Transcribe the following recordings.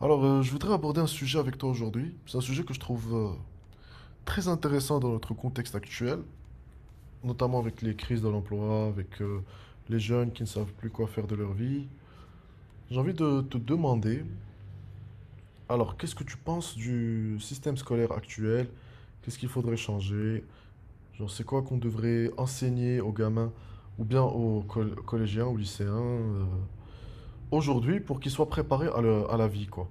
Alors, je voudrais aborder un sujet avec toi aujourd'hui. C'est un sujet que je trouve très intéressant dans notre contexte actuel, notamment avec les crises de l'emploi, avec les jeunes qui ne savent plus quoi faire de leur vie. J'ai envie de te demander, alors, qu'est-ce que tu penses du système scolaire actuel? Qu'est-ce qu'il faudrait changer? Genre, c'est quoi qu'on devrait enseigner aux gamins ou bien aux collégiens, aux lycéens aujourd'hui pour qu'ils soient préparés à, à la vie, quoi?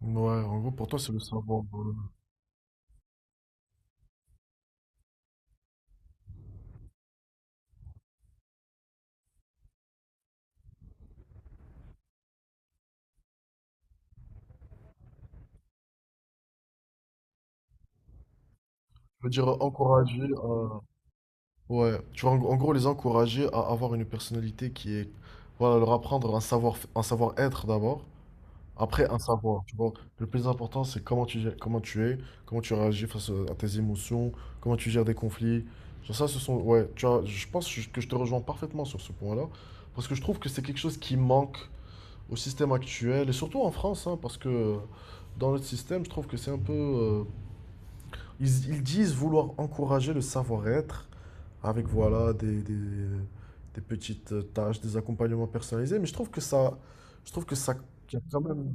Ouais, en gros, pour toi, c'est le savoir. Je veux dire, encourager à... Ouais, tu vois, en gros, les encourager à avoir une personnalité qui est... Voilà, leur apprendre un savoir, un savoir-être d'abord, après un savoir, tu vois. Le plus important, c'est comment comment tu es, comment tu réagis face à tes émotions, comment tu gères des conflits. Genre ça, ce sont... Ouais, tu vois, je pense que je te rejoins parfaitement sur ce point-là, parce que je trouve que c'est quelque chose qui manque au système actuel, et surtout en France, hein, parce que dans notre système, je trouve que c'est un peu... ils, ils disent vouloir encourager le savoir-être avec voilà des petites tâches, des accompagnements personnalisés, mais je trouve que ça, je trouve que ça, qu'il y a quand même,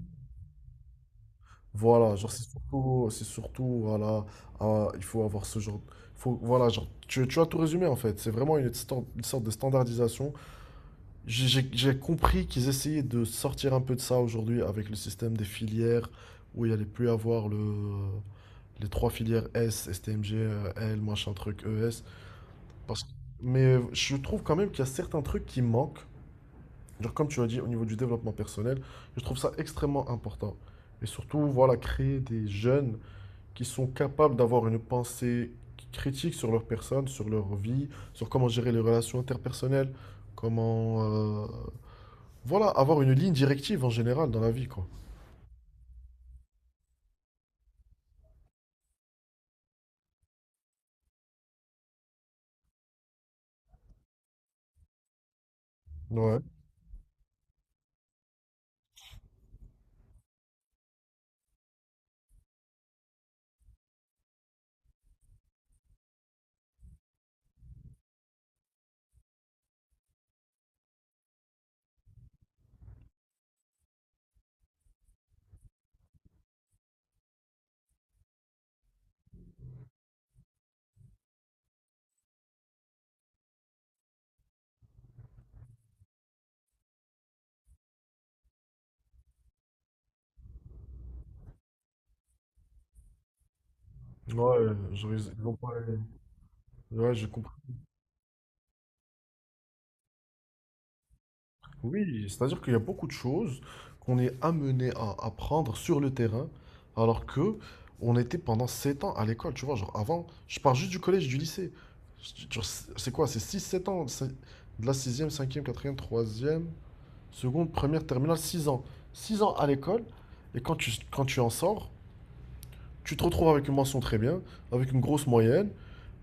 voilà, genre c'est surtout, voilà, ah, il faut avoir ce genre, il faut, voilà, genre, tu as tout résumé en fait, c'est vraiment une, une sorte de standardisation. J'ai compris qu'ils essayaient de sortir un peu de ça aujourd'hui avec le système des filières où il allait plus avoir le les trois filières S, STMG, L, machin truc, ES. Parce... Mais je trouve quand même qu'il y a certains trucs qui manquent. Genre comme tu as dit, au niveau du développement personnel, je trouve ça extrêmement important. Et surtout, voilà, créer des jeunes qui sont capables d'avoir une pensée critique sur leur personne, sur leur vie, sur comment gérer les relations interpersonnelles, comment... voilà, avoir une ligne directive en général dans la vie, quoi. Ouais. Ouais, je, ils ont pas- ouais, je comprends. Oui, c'est-à-dire qu'il y a beaucoup de choses qu'on est amené à apprendre sur le terrain, alors que on était pendant 7 ans à l'école, tu vois, genre avant, je pars juste du collège, du lycée. Genre, c'est quoi? C'est 6, 7 ans, c'est de la sixième, cinquième, quatrième, troisième, seconde, première, terminale, 6 ans. 6 ans à l'école, et quand quand tu en sors, tu te retrouves avec une mention très bien, avec une grosse moyenne,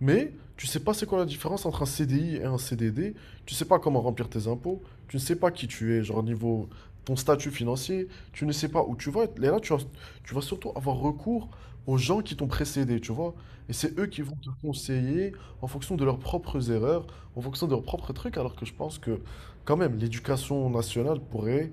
mais tu sais pas c'est quoi la différence entre un CDI et un CDD, tu sais pas comment remplir tes impôts, tu ne sais pas qui tu es, genre niveau ton statut financier, tu ne sais pas où tu vas être. Et là, tu vas surtout avoir recours aux gens qui t'ont précédé, tu vois. Et c'est eux qui vont te conseiller en fonction de leurs propres erreurs, en fonction de leurs propres trucs, alors que je pense que quand même l'éducation nationale pourrait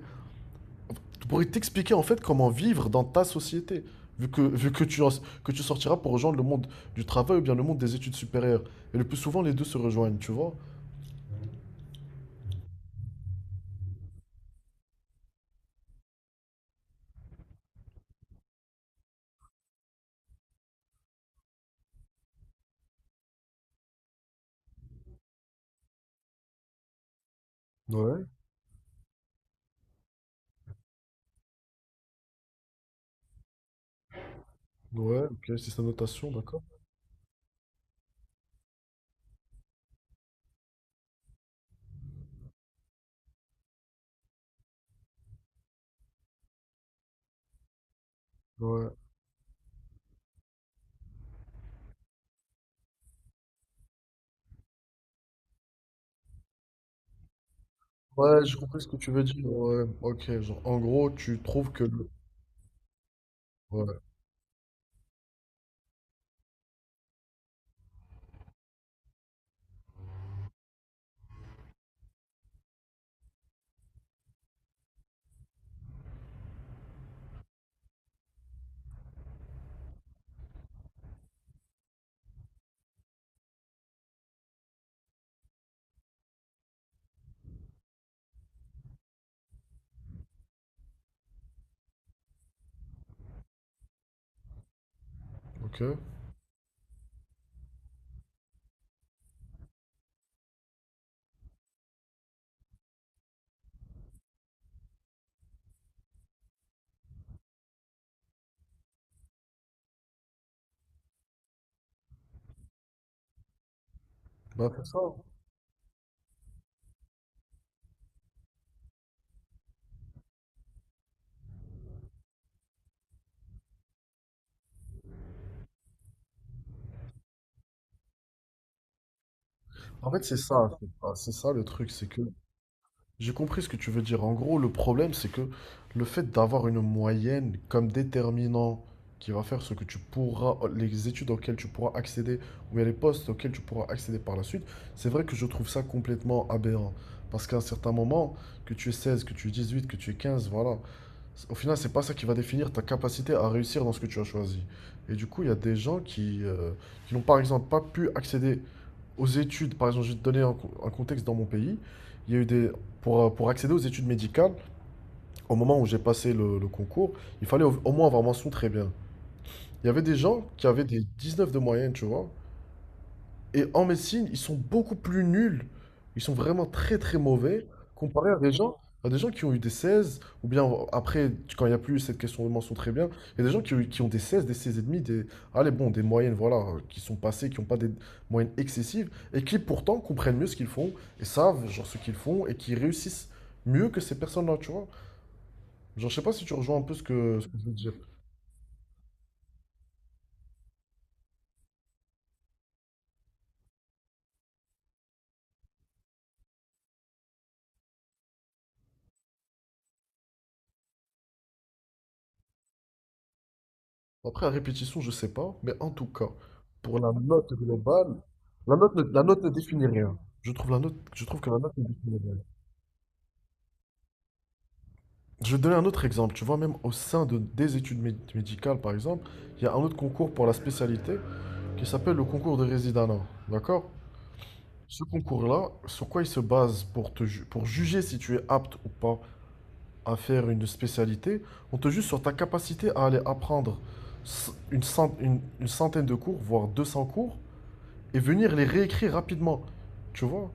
pourrait t'expliquer en fait comment vivre dans ta société, vu que, que tu sortiras pour rejoindre le monde du travail ou bien le monde des études supérieures. Et le plus souvent, les deux se rejoignent, tu vois? Ouais, ouais, ok, c'est sa notation, d'accord. Ouais. Ouais, j'ai compris ce que tu veux dire. Ouais, ok, genre, en gros, tu trouves que le... Ouais, ok. Bah, c'est ça. En fait, c'est ça, c'est ça, c'est ça le truc, c'est que j'ai compris ce que tu veux dire. En gros, le problème, c'est que le fait d'avoir une moyenne comme déterminant qui va faire ce que tu pourras, les études auxquelles tu pourras accéder, ou bien les postes auxquels tu pourras accéder par la suite, c'est vrai que je trouve ça complètement aberrant. Parce qu'à un certain moment, que tu es 16, que tu es 18, que tu es 15, voilà, au final, c'est pas ça qui va définir ta capacité à réussir dans ce que tu as choisi. Et du coup, il y a des gens qui n'ont par exemple pas pu accéder aux études, par exemple, je vais te donner un, un contexte dans mon pays. Il y a eu des, pour accéder aux études médicales, au moment où j'ai passé le concours, il fallait au, au moins avoir mention très bien. Il y avait des gens qui avaient des 19 de moyenne, tu vois. Et en médecine, ils sont beaucoup plus nuls. Ils sont vraiment très très mauvais comparé à des gens qui ont eu des 16 ou bien après, quand il n'y a plus cette question de mention très bien, il y a des gens qui, qui ont des 16 et demi, des, allez, bon, des moyennes, voilà, qui sont passées, qui n'ont pas des moyennes excessives, et qui pourtant comprennent mieux ce qu'ils font, et savent, genre, ce qu'ils font, et qui réussissent mieux que ces personnes-là, tu vois. Genre, je sais pas si tu rejoins un peu ce que je veux dire. Après, à répétition, je sais pas, mais en tout cas, pour la note globale, la note ne définit rien. Je trouve la note, je trouve que la note ne définit rien. Je vais te donner un autre exemple. Tu vois, même au sein de, des études médicales, par exemple, il y a un autre concours pour la spécialité qui s'appelle le concours de résidana. D'accord? Ce concours-là, sur quoi il se base pour te pour juger si tu es apte ou pas à faire une spécialité, on te juge sur ta capacité à aller apprendre une centaine de cours, voire 200 cours et venir les réécrire rapidement. Tu vois?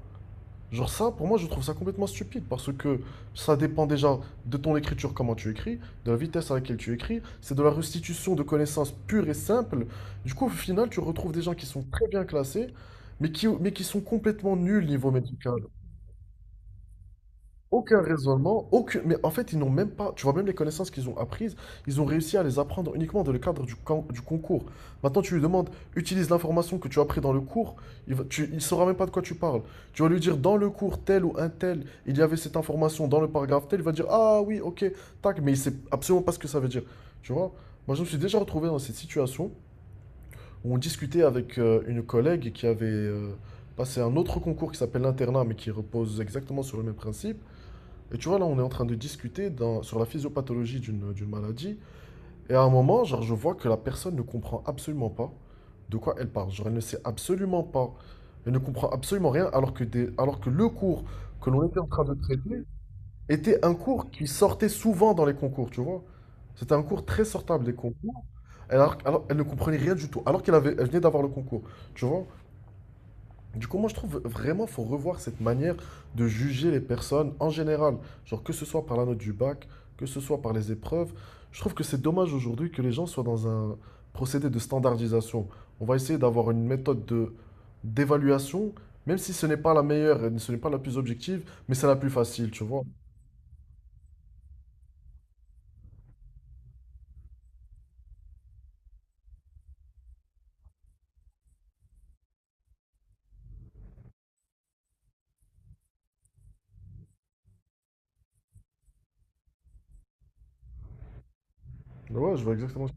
Genre ça, pour moi, je trouve ça complètement stupide parce que ça dépend déjà de ton écriture, comment tu écris, de la vitesse à laquelle tu écris, c'est de la restitution de connaissances pure et simple. Du coup, au final, tu retrouves des gens qui sont très bien classés, mais qui sont complètement nuls niveau médical. Aucun raisonnement, aucune... mais en fait, ils n'ont même pas, tu vois, même les connaissances qu'ils ont apprises, ils ont réussi à les apprendre uniquement dans le cadre du, du concours. Maintenant, tu lui demandes, utilise l'information que tu as appris dans le cours, il saura même pas de quoi tu parles. Tu vas lui dire, dans le cours tel ou un tel, il y avait cette information dans le paragraphe tel, il va dire, ah oui, ok, tac, mais il sait absolument pas ce que ça veut dire. Tu vois, moi, je me suis déjà retrouvé dans cette situation où on discutait avec une collègue qui avait passé un autre concours qui s'appelle l'internat, mais qui repose exactement sur le même principe. Et tu vois, là, on est en train de discuter sur la physiopathologie d'une maladie. Et à un moment, genre, je vois que la personne ne comprend absolument pas de quoi elle parle. Genre, elle ne sait absolument pas. Elle ne comprend absolument rien, alors que, alors que le cours que l'on était en train de traiter était un cours qui sortait souvent dans les concours, tu vois. C'était un cours très sortable des concours. Alors, elle ne comprenait rien du tout, alors qu'elle avait, elle venait d'avoir le concours, tu vois. Du coup, moi, je trouve vraiment qu'il faut revoir cette manière de juger les personnes en général. Genre, que ce soit par la note du bac, que ce soit par les épreuves. Je trouve que c'est dommage aujourd'hui que les gens soient dans un procédé de standardisation. On va essayer d'avoir une méthode de d'évaluation, même si ce n'est pas la meilleure, et ce n'est pas la plus objective, mais c'est la plus facile, tu vois. Ouais, je vois exactement.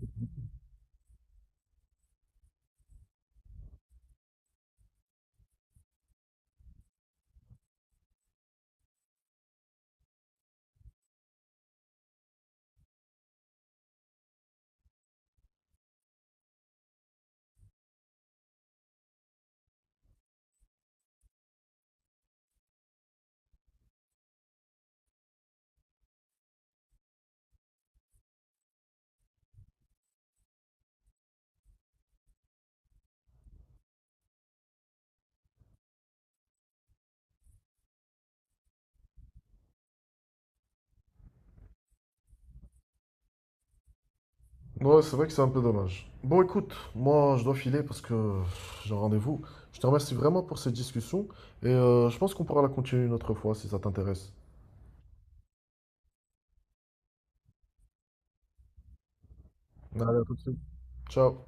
Ouais, c'est vrai que c'est un peu dommage. Bon, écoute, moi, je dois filer parce que j'ai un rendez-vous. Je te remercie vraiment pour cette discussion et je pense qu'on pourra la continuer une autre fois si ça t'intéresse. Allez, à tout de suite. Ciao.